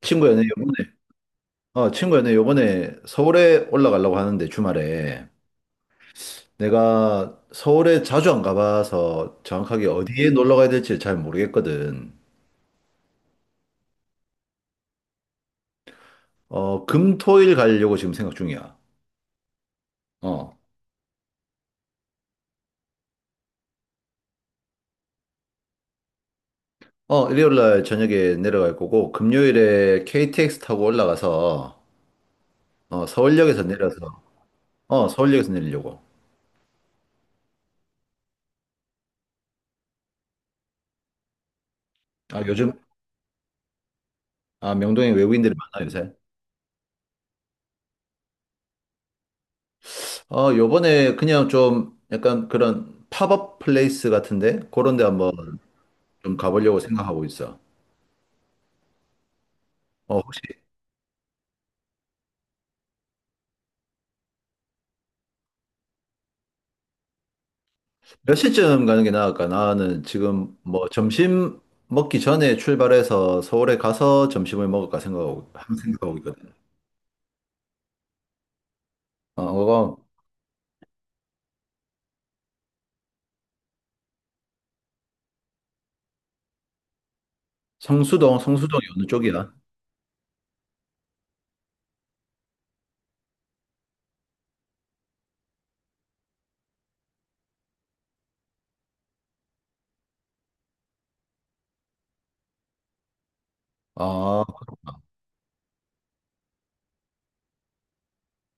친구야 내 요번에 친구야 내 요번에 서울에 올라가려고 하는데 주말에, 내가 서울에 자주 안 가봐서 정확하게 어디에 놀러 가야 될지 잘 모르겠거든. 금토일 가려고 지금 생각 중이야. 어. 일요일 날 저녁에 내려갈 거고 금요일에 KTX 타고 올라가서 서울역에서 내려서 서울역에서 내리려고. 아 요즘 아 명동에 외국인들이 많아 요새. 요번에 그냥 좀 약간 그런 팝업 플레이스 같은데 그런 데 한번 좀 가보려고 생각하고 있어. 혹시 몇 시쯤 가는 게 나을까? 나는 지금 뭐 점심 먹기 전에 출발해서 서울에 가서 점심을 먹을까 생각하고, 항상 생각하고 있거든. 어, 그거 성수동이 어느 쪽이야? 아,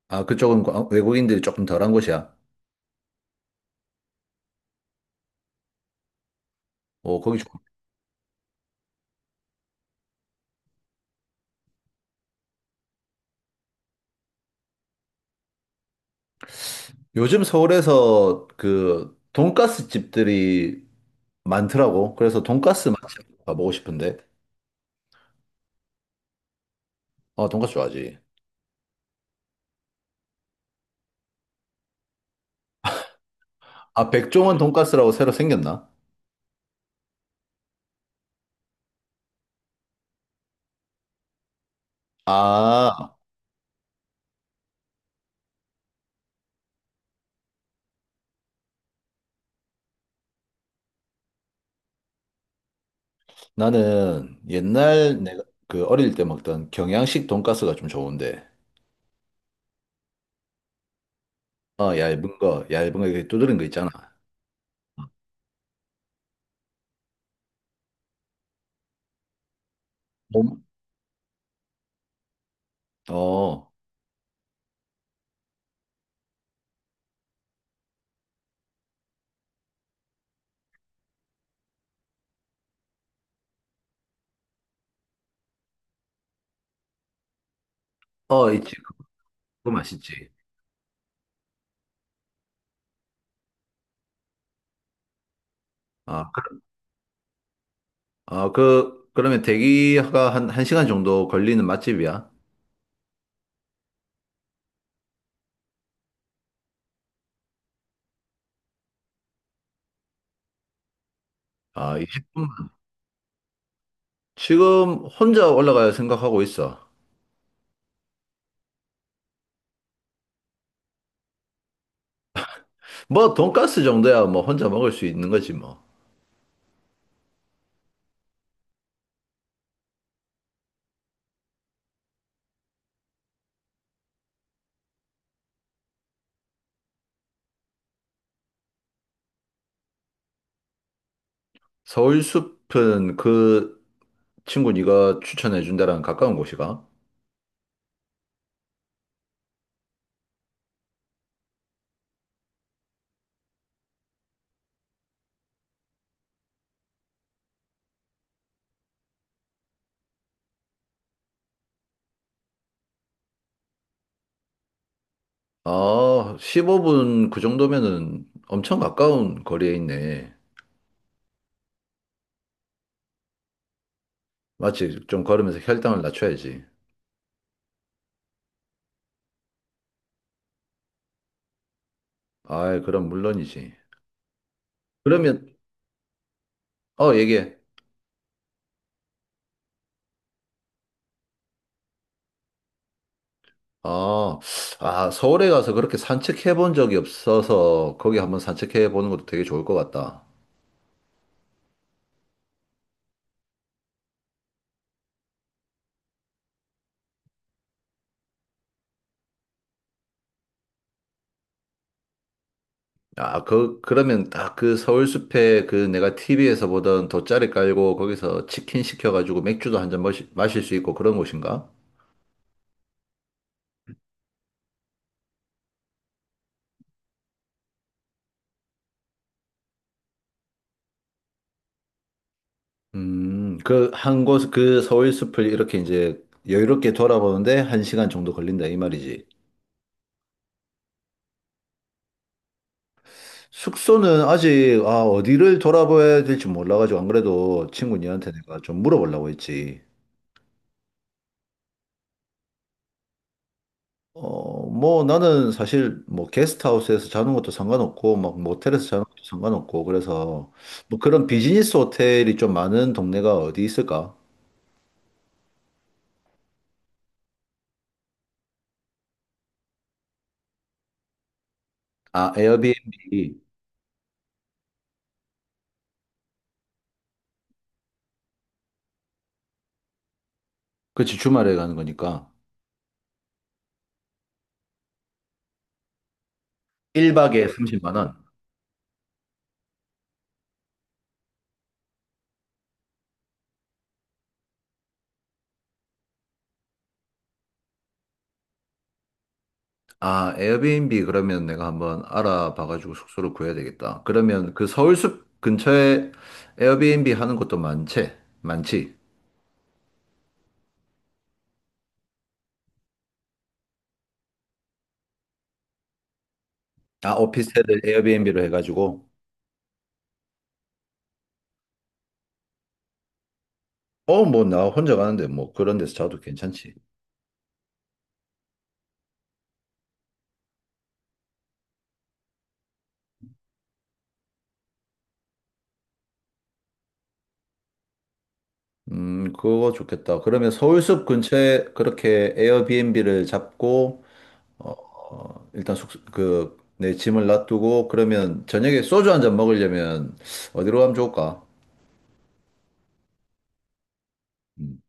아, 그쪽은 외국인들이 조금 덜한 곳이야. 어, 거기 좋 요즘 서울에서 그 돈가스 집들이 많더라고. 그래서 돈가스 맛집 가보고 싶은데. 어, 돈가스 좋아하지. 아, 백종원 돈가스라고 새로 생겼나? 아, 나는 옛날 내가 그 어릴 때 먹던 경양식 돈가스가 좀 좋은데, 어, 얇은 거, 얇은 거 이렇게 두드린 거 있잖아. 몸? 어, 어, 있지. 그거 맛있지. 아, 그- 그러면 대기가 한, 한 시간 정도 걸리는 맛집이야. 아, 20분. 지금 혼자 올라갈 생각하고 있어. 뭐, 돈가스 정도야 뭐 혼자 먹을 수 있는 거지 뭐. 서울숲은 그 친구 네가 추천해 준다랑 가까운 곳이가? 아, 15분 그 정도면은 엄청 가까운 거리에 있네. 마치 좀 걸으면서 혈당을 낮춰야지. 아이, 그럼 물론이지. 그러면, 어, 얘기해. 아, 아, 서울에 가서 그렇게 산책해 본 적이 없어서 거기 한번 산책해 보는 것도 되게 좋을 것 같다. 그러면 딱 그 서울숲에 그 내가 TV에서 보던 돗자리 깔고 거기서 치킨 시켜가지고 맥주도 한 잔 마실 수 있고 그런 곳인가? 그 서울 숲을 이렇게 이제 여유롭게 돌아보는데 한 시간 정도 걸린다, 이 말이지. 숙소는 아직, 아, 어디를 돌아봐야 될지 몰라가지고, 안 그래도 친구 니한테 내가 좀 물어보려고 했지. 어, 뭐 나는 사실 뭐 게스트하우스에서 자는 것도 상관없고, 막 모텔에서 자는 것도 상관없고, 그래서 뭐 그런 비즈니스 호텔이 좀 많은 동네가 어디 있을까? 아, 에어비앤비. 그치, 주말에 가는 거니까. 1박에 30만 원. 아, 에어비앤비 그러면 내가 한번 알아봐가지고 숙소를 구해야 되겠다. 그러면 그 서울숲 근처에 에어비앤비 하는 것도 많지? 많지? 아, 오피스텔을 에어비앤비로 해가지고. 어, 뭐, 나 혼자 가는데 뭐 그런 데서 자도 괜찮지. 그거 좋겠다. 그러면 서울숲 근처에 그렇게 에어비앤비를 잡고, 어, 일단 숙소, 내 짐을 놔두고, 그러면 저녁에 소주 한 잔 먹으려면 어디로 가면 좋을까? 음.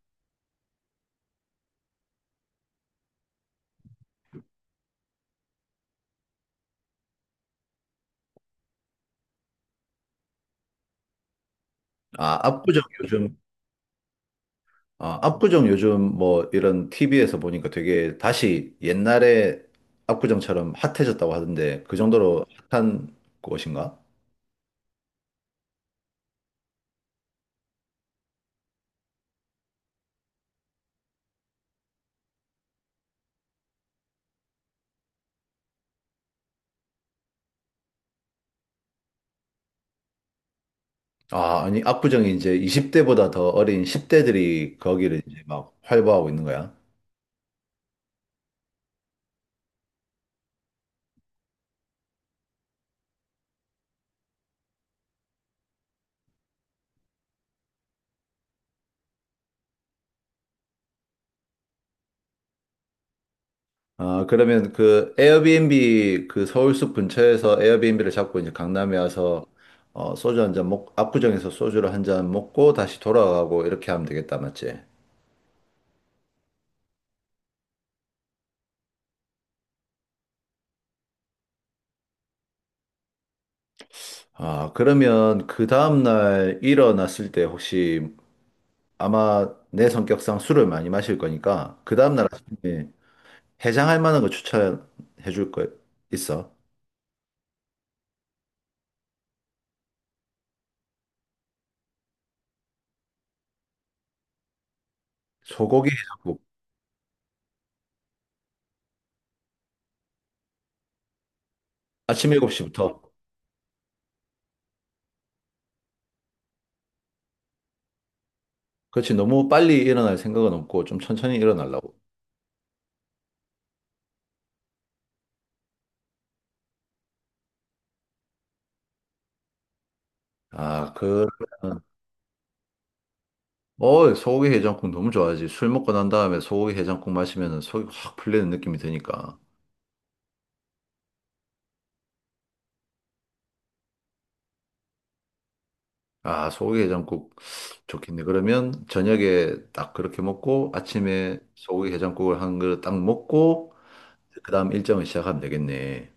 아, 압구정 요즘 아, 압구정 요즘 뭐 이런 TV에서 보니까 되게 다시 옛날에 압구정처럼 핫해졌다고 하던데 그 정도로 핫한 곳인가? 아, 아니, 압구정이 이제 20대보다 더 어린 10대들이 거기를 이제 막 활보하고 있는 거야. 아, 그러면 그 에어비앤비 그 서울숲 근처에서 에어비앤비를 잡고 이제 강남에 와서 어, 소주 한 잔 먹, 압구정에서 소주를 한잔 먹고 다시 돌아가고 이렇게 하면 되겠다, 맞지? 아, 그러면 그 다음날 일어났을 때 혹시 아마 내 성격상 술을 많이 마실 거니까 그 다음날 아침에 해장할 만한 거 추천해 줄 거 있어. 소고기 해장국. 아침 7시부터. 그렇지. 너무 빨리 일어날 생각은 없고 좀 천천히 일어나려고. 아, 그러면 소고기 해장국 너무 좋아하지. 술 먹고 난 다음에 소고기 해장국 마시면 속이 확 풀리는 느낌이 드니까. 아, 소고기 해장국 좋겠네. 그러면 저녁에 딱 그렇게 먹고 아침에 소고기 해장국을 한 그릇 딱 먹고 그다음 일정을 시작하면 되겠네.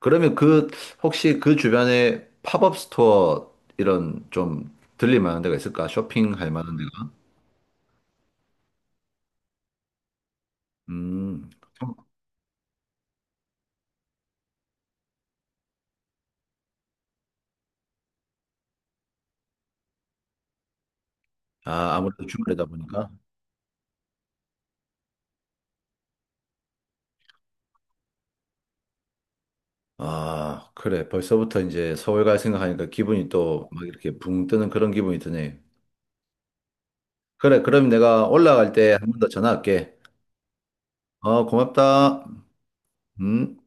그러면 그 혹시 그 주변에 팝업 스토어 이런 좀 들릴 만한 데가 있을까? 쇼핑할 만한 데가? 음. 아, 아무래도 주말이다 보니까. 아, 그래. 벌써부터 이제 서울 갈 생각하니까 기분이 또 막 이렇게 붕 뜨는 그런 기분이 드네. 그래, 그럼 내가 올라갈 때 한 번 더 전화할게. 어, 고맙다. 음.